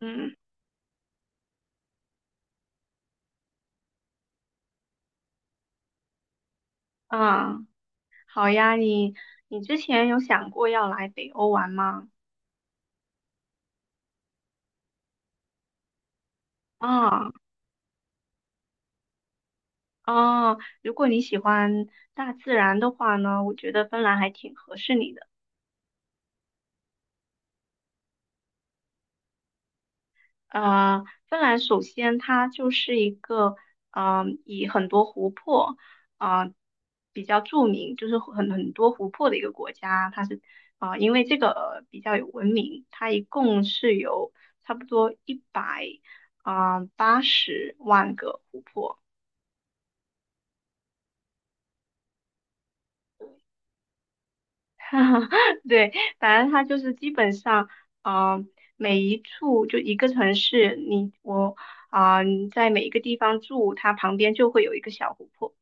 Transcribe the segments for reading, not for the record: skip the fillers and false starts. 嗯啊，好呀，你之前有想过要来北欧玩吗？啊啊，如果你喜欢大自然的话呢，我觉得芬兰还挺合适你的。芬兰首先它就是一个，以很多湖泊，啊、比较著名，就是很多湖泊的一个国家。它是，因为这个比较有文明，它一共是有差不多一百八十万个湖泊。对，反正它就是基本上，嗯、每一处就一个城市，你我啊、你在每一个地方住，它旁边就会有一个小湖泊。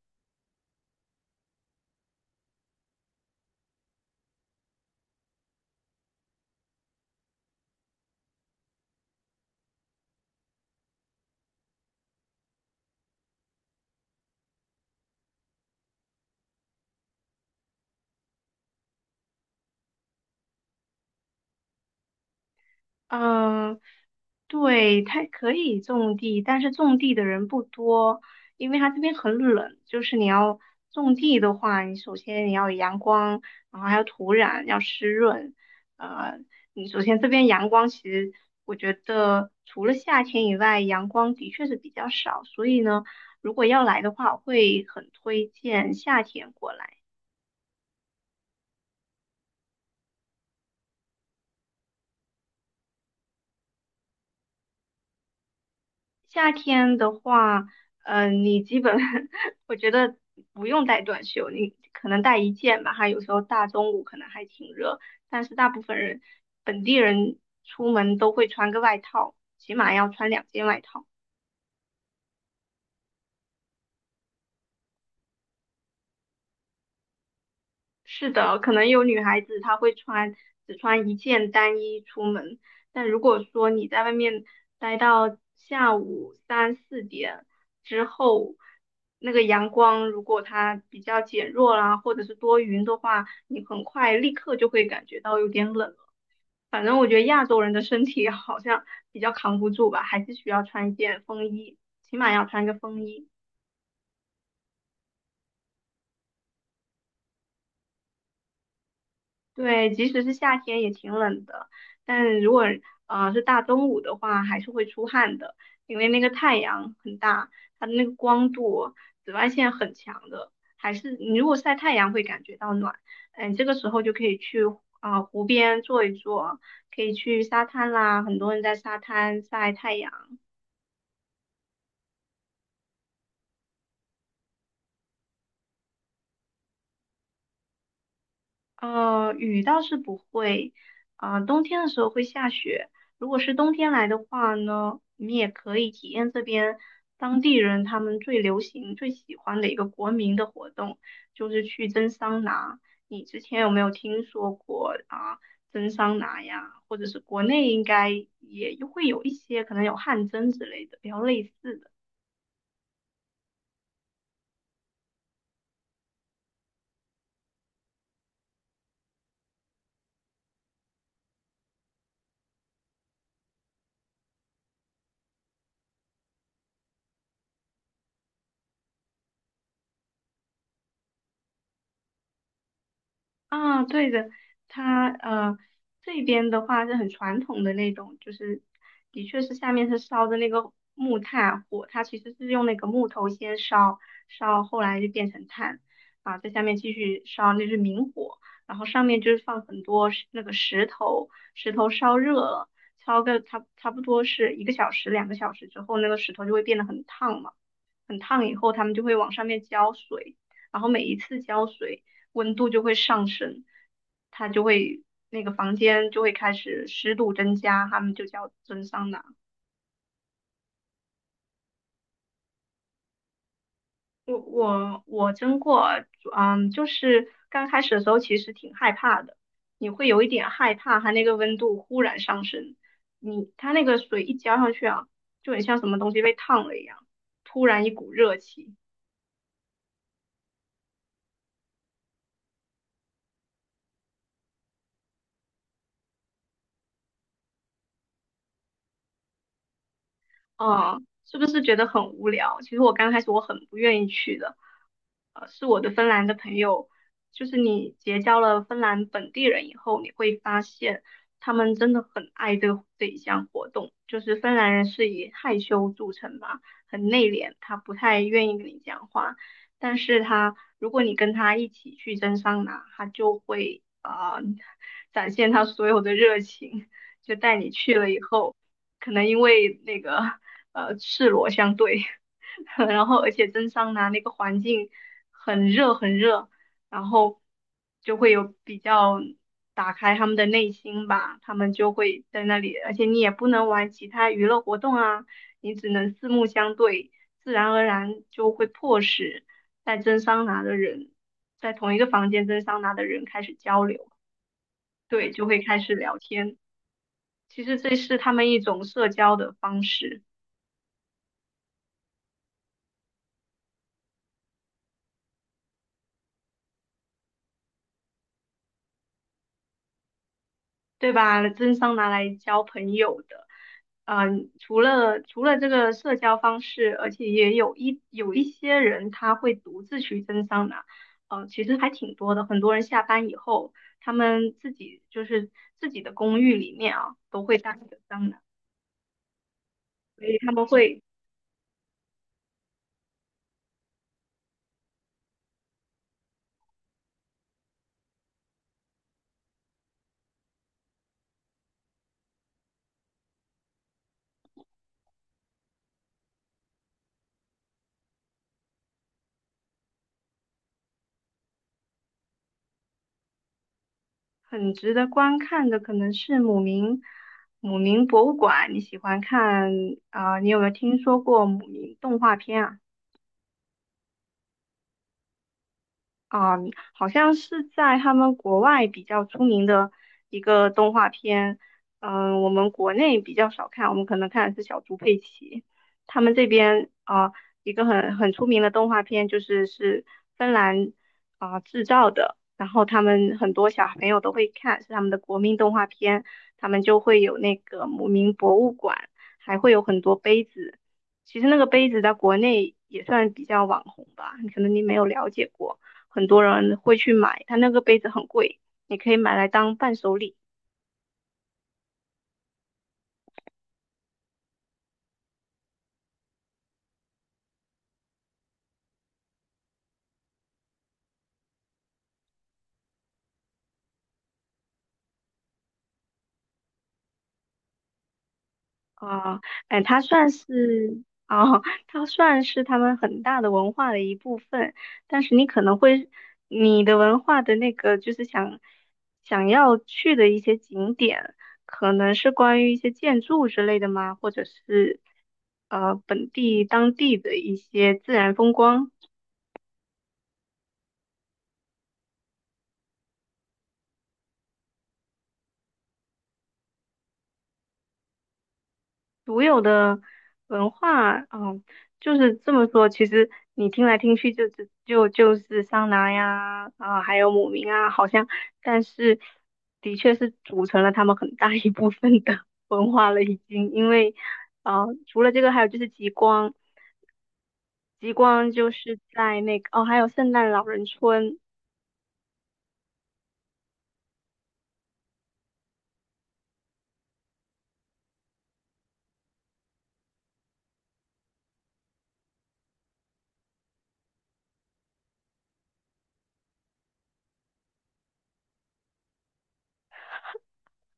嗯，对，它可以种地，但是种地的人不多，因为它这边很冷。就是你要种地的话，你首先你要有阳光，然后还有土壤要湿润。呃，你首先这边阳光其实我觉得除了夏天以外，阳光的确是比较少，所以呢，如果要来的话，我会很推荐夏天过来。夏天的话，你基本 我觉得不用带短袖，你可能带一件吧，还有时候大中午可能还挺热，但是大部分人本地人出门都会穿个外套，起码要穿2件外套。是的，可能有女孩子她会穿只穿一件单衣出门，但如果说你在外面待到下午三四点之后，那个阳光如果它比较减弱啦，或者是多云的话，你很快立刻就会感觉到有点冷了。反正我觉得亚洲人的身体好像比较扛不住吧，还是需要穿一件风衣，起码要穿个风衣。对，即使是夏天也挺冷的，但如果是大中午的话，还是会出汗的，因为那个太阳很大，它的那个光度、紫外线很强的，还是你如果晒太阳会感觉到暖，这个时候就可以去湖边坐一坐，可以去沙滩啦，很多人在沙滩晒太阳。雨倒是不会，冬天的时候会下雪。如果是冬天来的话呢，你也可以体验这边当地人他们最流行、最喜欢的一个国民的活动，就是去蒸桑拿。你之前有没有听说过蒸桑拿呀？或者是国内应该也会有一些，可能有汗蒸之类的，比较类似的。啊，对的，它这边的话是很传统的那种，就是的确是下面是烧的那个木炭火，它其实是用那个木头先烧，烧后来就变成炭，啊，在下面继续烧，那是明火，然后上面就是放很多那个石头，石头烧热了，烧个差不多是1个小时、2个小时之后，那个石头就会变得很烫嘛。很烫以后，他们就会往上面浇水，然后每一次浇水，温度就会上升，它就会那个房间就会开始湿度增加，他们就叫蒸桑拿。我蒸过。就是刚开始的时候其实挺害怕的，你会有一点害怕它那个温度忽然上升，它那个水一浇上去啊，就很像什么东西被烫了一样，突然一股热气。嗯，是不是觉得很无聊？其实我刚开始我很不愿意去的，是我的芬兰的朋友，就是你结交了芬兰本地人以后，你会发现他们真的很爱这一项活动。就是芬兰人是以害羞著称嘛，很内敛，他不太愿意跟你讲话，但是如果你跟他一起去蒸桑拿，他就会展现他所有的热情。就带你去了以后，可能因为那个赤裸相对，然后而且蒸桑拿那个环境很热很热，然后就会有比较打开他们的内心吧，他们就会在那里，而且你也不能玩其他娱乐活动啊，你只能四目相对，自然而然就会迫使在蒸桑拿的人，在同一个房间蒸桑拿的人开始交流。对，就会开始聊天。其实这是他们一种社交的方式，对吧？真桑拿来交朋友的。嗯，除了这个社交方式，而且也有一些人他会独自去蒸桑拿。其实还挺多的。很多人下班以后，他们自己就是自己的公寓里面啊，都会搭一个桑拿，所以他们会。很值得观看的可能是姆明博物馆。你喜欢看啊、呃你有没有听说过姆明动画片啊？啊，好像是在他们国外比较出名的一个动画片，我们国内比较少看，我们可能看的是小猪佩奇。他们这边啊，一个很出名的动画片就是芬兰制造的，然后他们很多小朋友都会看，是他们的国民动画片，他们就会有那个姆明博物馆，还会有很多杯子。其实那个杯子在国内也算比较网红吧，可能你没有了解过。很多人会去买，它那个杯子很贵，你可以买来当伴手礼啊。哎，它算是他们很大的文化的一部分，但是你可能会，你的文化的那个就是想要去的一些景点，可能是关于一些建筑之类的吗？或者是当地的一些自然风光。独有的文化，就是这么说。其实你听来听去就是桑拿呀，啊，还有姆明啊，好像，但是的确是组成了他们很大一部分的 文化了，已经。因为，除了这个，还有就是极光，极光就是在那个，哦，还有圣诞老人村。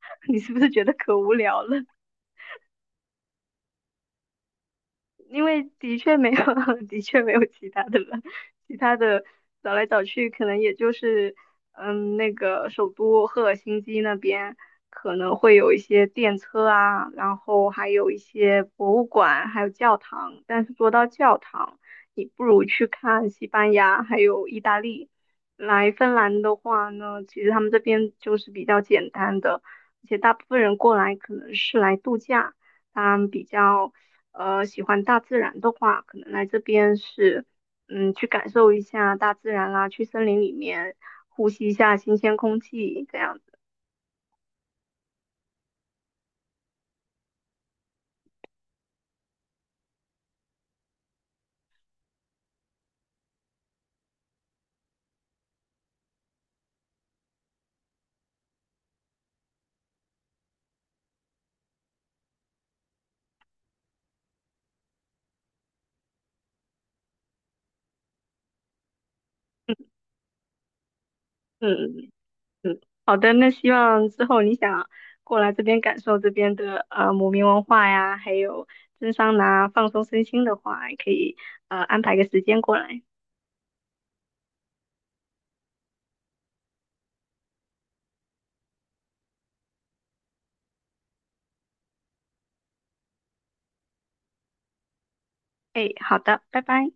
你是不是觉得可无聊了？因为的确没有，的确没有其他的了，其他的找来找去，可能也就是，那个首都赫尔辛基那边可能会有一些电车啊，然后还有一些博物馆，还有教堂。但是说到教堂，你不如去看西班牙，还有意大利。来芬兰的话呢，其实他们这边就是比较简单的，而且大部分人过来可能是来度假。他们比较喜欢大自然的话，可能来这边是去感受一下大自然啦，去森林里面呼吸一下新鲜空气这样子。嗯嗯，好的，那希望之后你想过来这边感受这边的姆明文化呀，还有蒸桑拿放松身心的话，也可以安排个时间过来。哎，好的，拜拜。